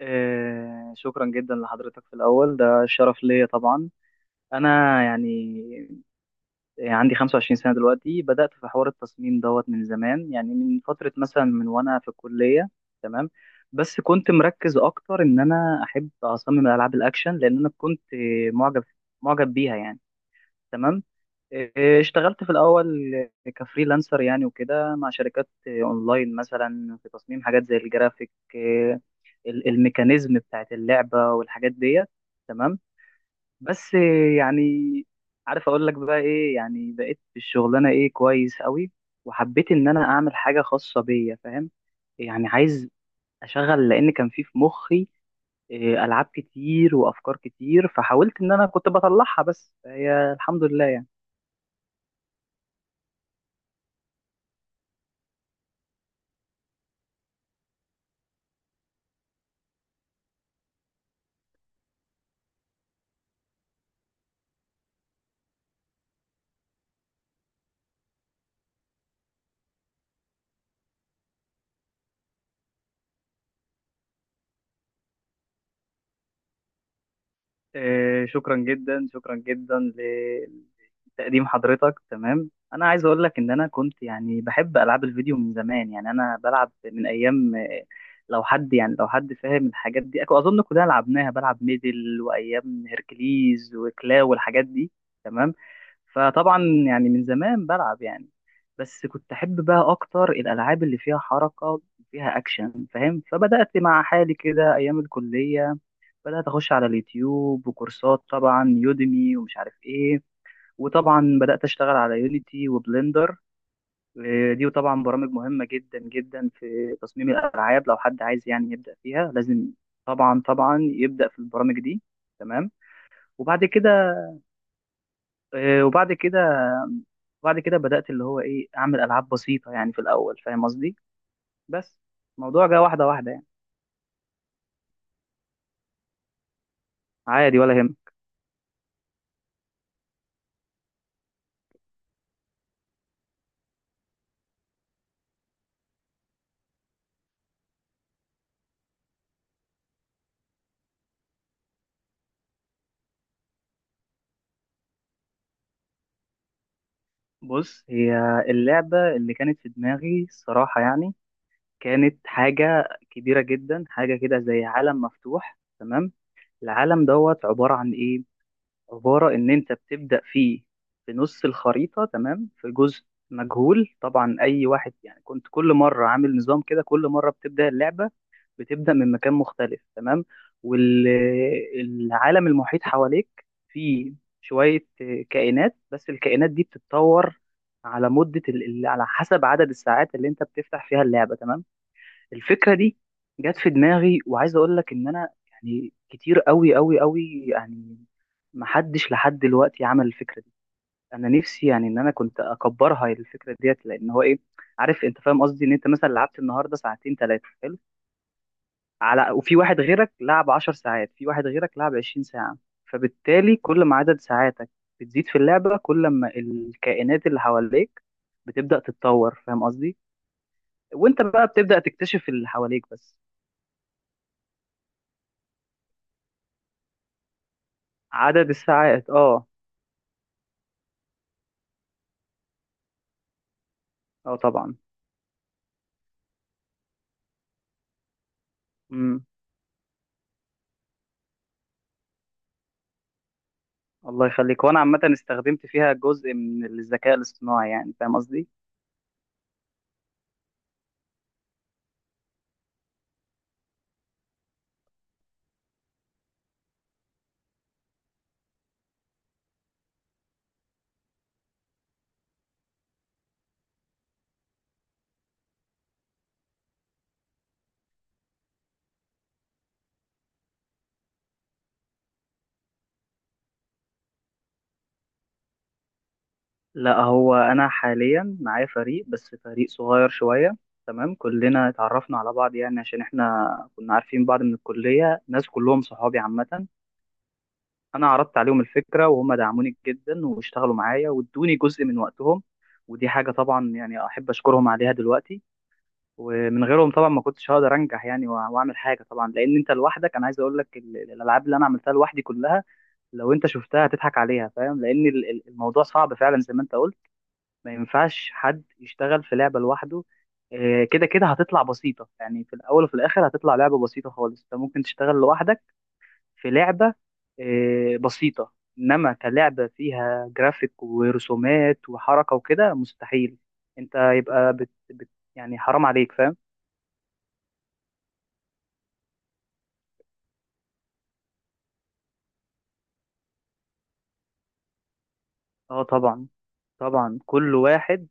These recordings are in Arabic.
شكرا جدا لحضرتك، في الأول ده شرف ليا طبعا. أنا يعني عندي 25 سنة دلوقتي. بدأت في حوار التصميم دوت من زمان، يعني من فترة، مثلا من وأنا في الكلية. تمام. بس كنت مركز أكتر إن أنا أحب أصمم ألعاب الأكشن، لأن أنا كنت معجب، بيها يعني. تمام. اشتغلت في الأول كفريلانسر يعني وكده، مع شركات أونلاين، مثلا في تصميم حاجات زي الجرافيك، الميكانيزم بتاعت اللعبة والحاجات ديت. تمام. بس يعني، عارف اقول لك بقى ايه؟ يعني بقيت في الشغلانة ايه، كويس قوي، وحبيت ان انا اعمل حاجة خاصة بيا، فاهم؟ يعني عايز اشغل، لان كان في مخي إيه، العاب كتير وافكار كتير، فحاولت ان انا كنت بطلعها، بس هي الحمد لله يعني. إيه، شكرا جدا. تقديم حضرتك تمام. انا عايز اقول لك ان انا كنت يعني بحب العاب الفيديو من زمان، يعني انا بلعب من ايام آه، لو حد فاهم الحاجات دي، اظن كلنا لعبناها، بلعب ميدل وايام هيركليز وكلاو والحاجات دي. تمام. فطبعا يعني من زمان بلعب يعني، بس كنت احب بقى اكتر الالعاب اللي فيها حركه، فيها اكشن، فاهم؟ فبدات مع حالي كده ايام الكليه، بدات اخش على اليوتيوب وكورسات طبعا، يوديمي ومش عارف ايه. وطبعا بدأت أشتغل على يونيتي وبلندر. آه، دي طبعا برامج مهمة جدا جدا في تصميم الألعاب، لو حد عايز يعني يبدأ فيها لازم طبعا، يبدأ في البرامج دي. تمام. وبعد كده، آه، وبعد كده وبعد كده بدأت اللي هو إيه، أعمل ألعاب بسيطة يعني في الأول، فاهم قصدي؟ بس الموضوع جه واحدة واحدة يعني. عادي، ولا يهم. بص، هي اللعبة اللي كانت في دماغي الصراحة يعني كانت حاجة كبيرة جدا، حاجة كده زي عالم مفتوح. تمام. العالم دوت عبارة عن إيه؟ عبارة إن أنت بتبدأ فيه في نص الخريطة. تمام. في جزء مجهول طبعا، أي واحد يعني كنت كل مرة عامل نظام كده، كل مرة بتبدأ اللعبة بتبدأ من مكان مختلف. تمام. والعالم المحيط حواليك فيه شوية كائنات، بس الكائنات دي بتتطور على مدة على حسب عدد الساعات اللي أنت بتفتح فيها اللعبة. تمام. الفكره دي جت في دماغي، وعايز اقول لك ان انا يعني كتير قوي قوي يعني محدش لحد دلوقتي عمل الفكره دي. انا نفسي يعني ان انا كنت اكبرها الفكره ديت، لان هو ايه، عارف انت، فاهم قصدي؟ ان انت مثلا لعبت النهارده ساعتين ثلاثه، حلو، على وفي واحد غيرك لعب 10 ساعات، في واحد غيرك لعب 20 ساعه، فبالتالي كل ما عدد ساعاتك بتزيد في اللعبه، كل ما الكائنات اللي حواليك بتبدا تتطور، فاهم قصدي؟ وانت بقى بتبدا تكتشف اللي حواليك بس. عدد الساعات، اه. اه طبعا. امم. الله يخليك. وانا عامه استخدمت فيها جزء من الذكاء الاصطناعي يعني، فاهم قصدي؟ لا، هو انا حاليا معايا فريق، بس فريق صغير شويه. تمام. كلنا اتعرفنا على بعض يعني، عشان احنا كنا عارفين بعض من الكليه، ناس كلهم صحابي عامه. انا عرضت عليهم الفكره وهم دعموني جدا، واشتغلوا معايا وادوني جزء من وقتهم، ودي حاجه طبعا يعني احب اشكرهم عليها دلوقتي. ومن غيرهم طبعا ما كنتش هقدر انجح يعني، واعمل حاجه طبعا، لان انت لوحدك، انا عايز اقول لك الالعاب اللي انا عملتها لوحدي كلها لو انت شفتها هتضحك عليها، فاهم؟ لان الموضوع صعب فعلا زي ما انت قلت. ما ينفعش حد يشتغل في لعبه لوحده. آه، كده كده هتطلع بسيطه يعني، في الاول وفي الاخر هتطلع لعبه بسيطه خالص. انت ممكن تشتغل لوحدك في لعبه بسيطه، انما كلعبه فيها جرافيك ورسومات وحركه وكده، مستحيل. انت يبقى بت يعني حرام عليك، فاهم؟ اه طبعا، كل واحد.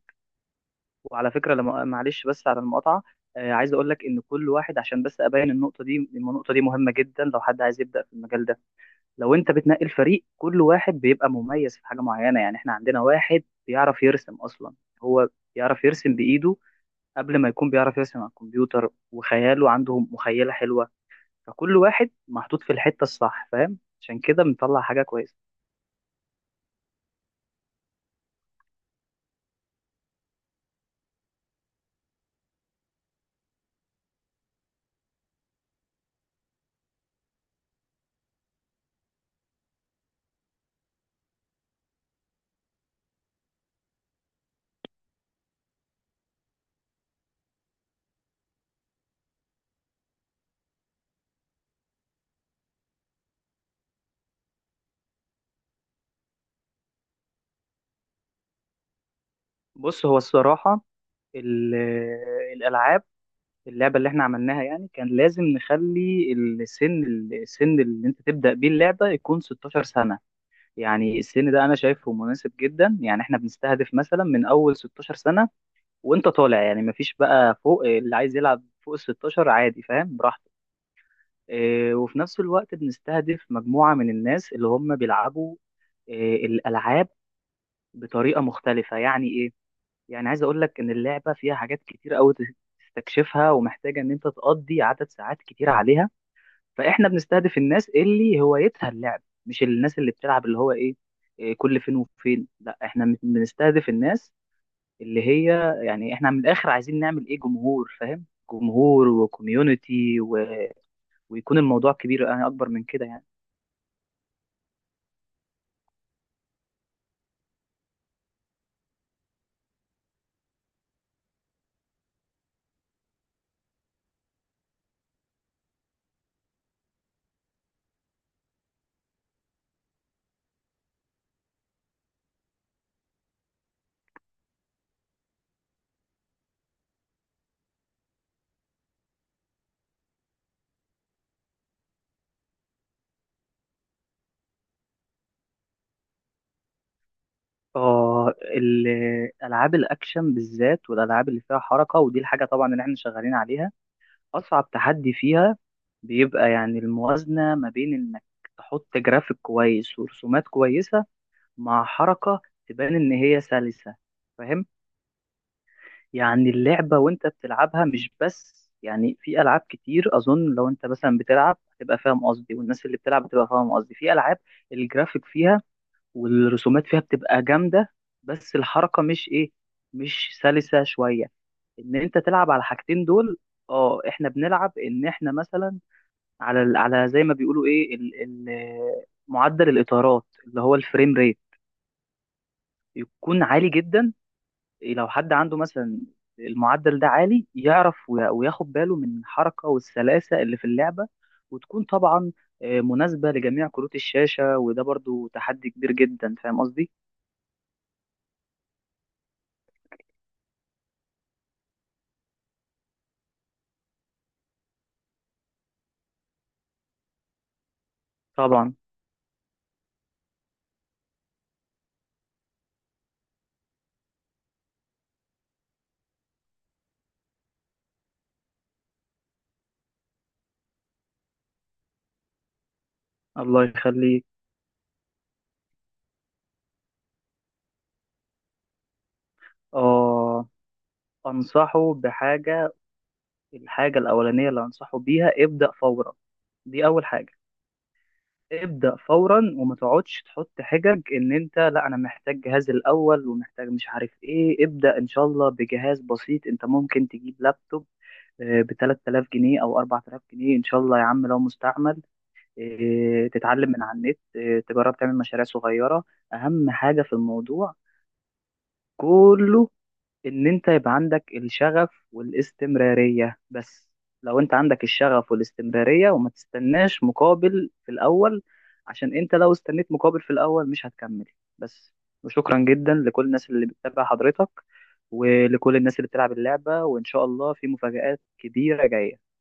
وعلى فكره لما، معلش بس على المقاطعه، آه، عايز اقول لك ان كل واحد، عشان بس ابين النقطه دي، إن النقطه دي مهمه جدا لو حد عايز يبدا في المجال ده. لو انت بتنقي الفريق، كل واحد بيبقى مميز في حاجه معينه. يعني احنا عندنا واحد بيعرف يرسم اصلا، هو بيعرف يرسم بايده قبل ما يكون بيعرف يرسم على الكمبيوتر، وخياله عنده مخيله حلوه. فكل واحد محطوط في الحته الصح، فاهم؟ عشان كده بنطلع حاجه كويسه. بص، هو الصراحه ال- الالعاب اللعبة اللي احنا عملناها يعني كان لازم نخلي السن، اللي انت تبدأ بيه اللعبة يكون 16 سنة. يعني السن ده انا شايفه مناسب جدا. يعني احنا بنستهدف مثلا من اول 16 سنة وانت طالع، يعني مفيش بقى فوق، اللي عايز يلعب فوق ال 16 عادي، فاهم؟ براحته. اه، وفي نفس الوقت بنستهدف مجموعة من الناس اللي هم بيلعبوا اه الألعاب بطريقة مختلفة. يعني ايه؟ يعني عايز اقول لك ان اللعبه فيها حاجات كتير قوي تستكشفها، ومحتاجه ان انت تقضي عدد ساعات كتير عليها. فاحنا بنستهدف الناس اللي هوايتها اللعب، مش الناس اللي بتلعب اللي هو ايه، إيه، كل فين وفين. لا، احنا بنستهدف الناس اللي هي يعني، احنا من الاخر عايزين نعمل ايه، جمهور، فاهم؟ جمهور وكوميونتي و... ويكون الموضوع كبير، يعني اكبر من كده يعني. اه، الالعاب الاكشن بالذات والالعاب اللي فيها حركه، ودي الحاجه طبعا اللي احنا شغالين عليها، اصعب تحدي فيها بيبقى يعني الموازنه ما بين انك تحط جرافيك كويس ورسومات كويسه، مع حركه تبان ان هي سلسه، فاهم؟ يعني اللعبه وانت بتلعبها مش بس يعني، في العاب كتير اظن لو انت مثلا بتلعب هتبقى فاهم قصدي، والناس اللي بتلعب هتبقى فاهم قصدي، في العاب الجرافيك فيها والرسومات فيها بتبقى جامده، بس الحركه مش ايه، مش سلسه شويه. ان انت تلعب على الحاجتين دول. اه، احنا بنلعب ان احنا مثلا على على زي ما بيقولوا ايه، معدل الاطارات اللي هو الفريم ريت، يكون عالي جدا. لو حد عنده مثلا المعدل ده عالي، يعرف وياخد باله من الحركة والسلاسة اللي في اللعبة، وتكون طبعا آه، مناسبة لجميع كروت الشاشة، وده برضو تحدي كبير جدا، فاهم قصدي؟ طبعا. الله يخليك. اه، أنصحه بحاجة، الحاجة الأولانية اللي أنصحه بيها، ابدأ فورا. دي أول حاجة. ابدأ فورا وما تقعدش تحط حجج ان انت لا انا محتاج جهاز الاول ومحتاج مش عارف ايه. ابدأ ان شاء الله بجهاز بسيط، انت ممكن تجيب لابتوب آه، ب 3000 جنيه او 4000 جنيه ان شاء الله يا عم، لو مستعمل، آه، تتعلم من على النت، آه، تجرب تعمل مشاريع صغيرة. اهم حاجة في الموضوع كله ان انت يبقى عندك الشغف والاستمرارية بس. لو انت عندك الشغف والاستمرارية وما تستناش مقابل في الاول، عشان انت لو استنيت مقابل في الاول مش هتكمل بس. وشكرا جدا لكل الناس اللي بتتابع حضرتك، ولكل الناس اللي بتلعب اللعبة، وان شاء الله في مفاجآت كبيرة جاية.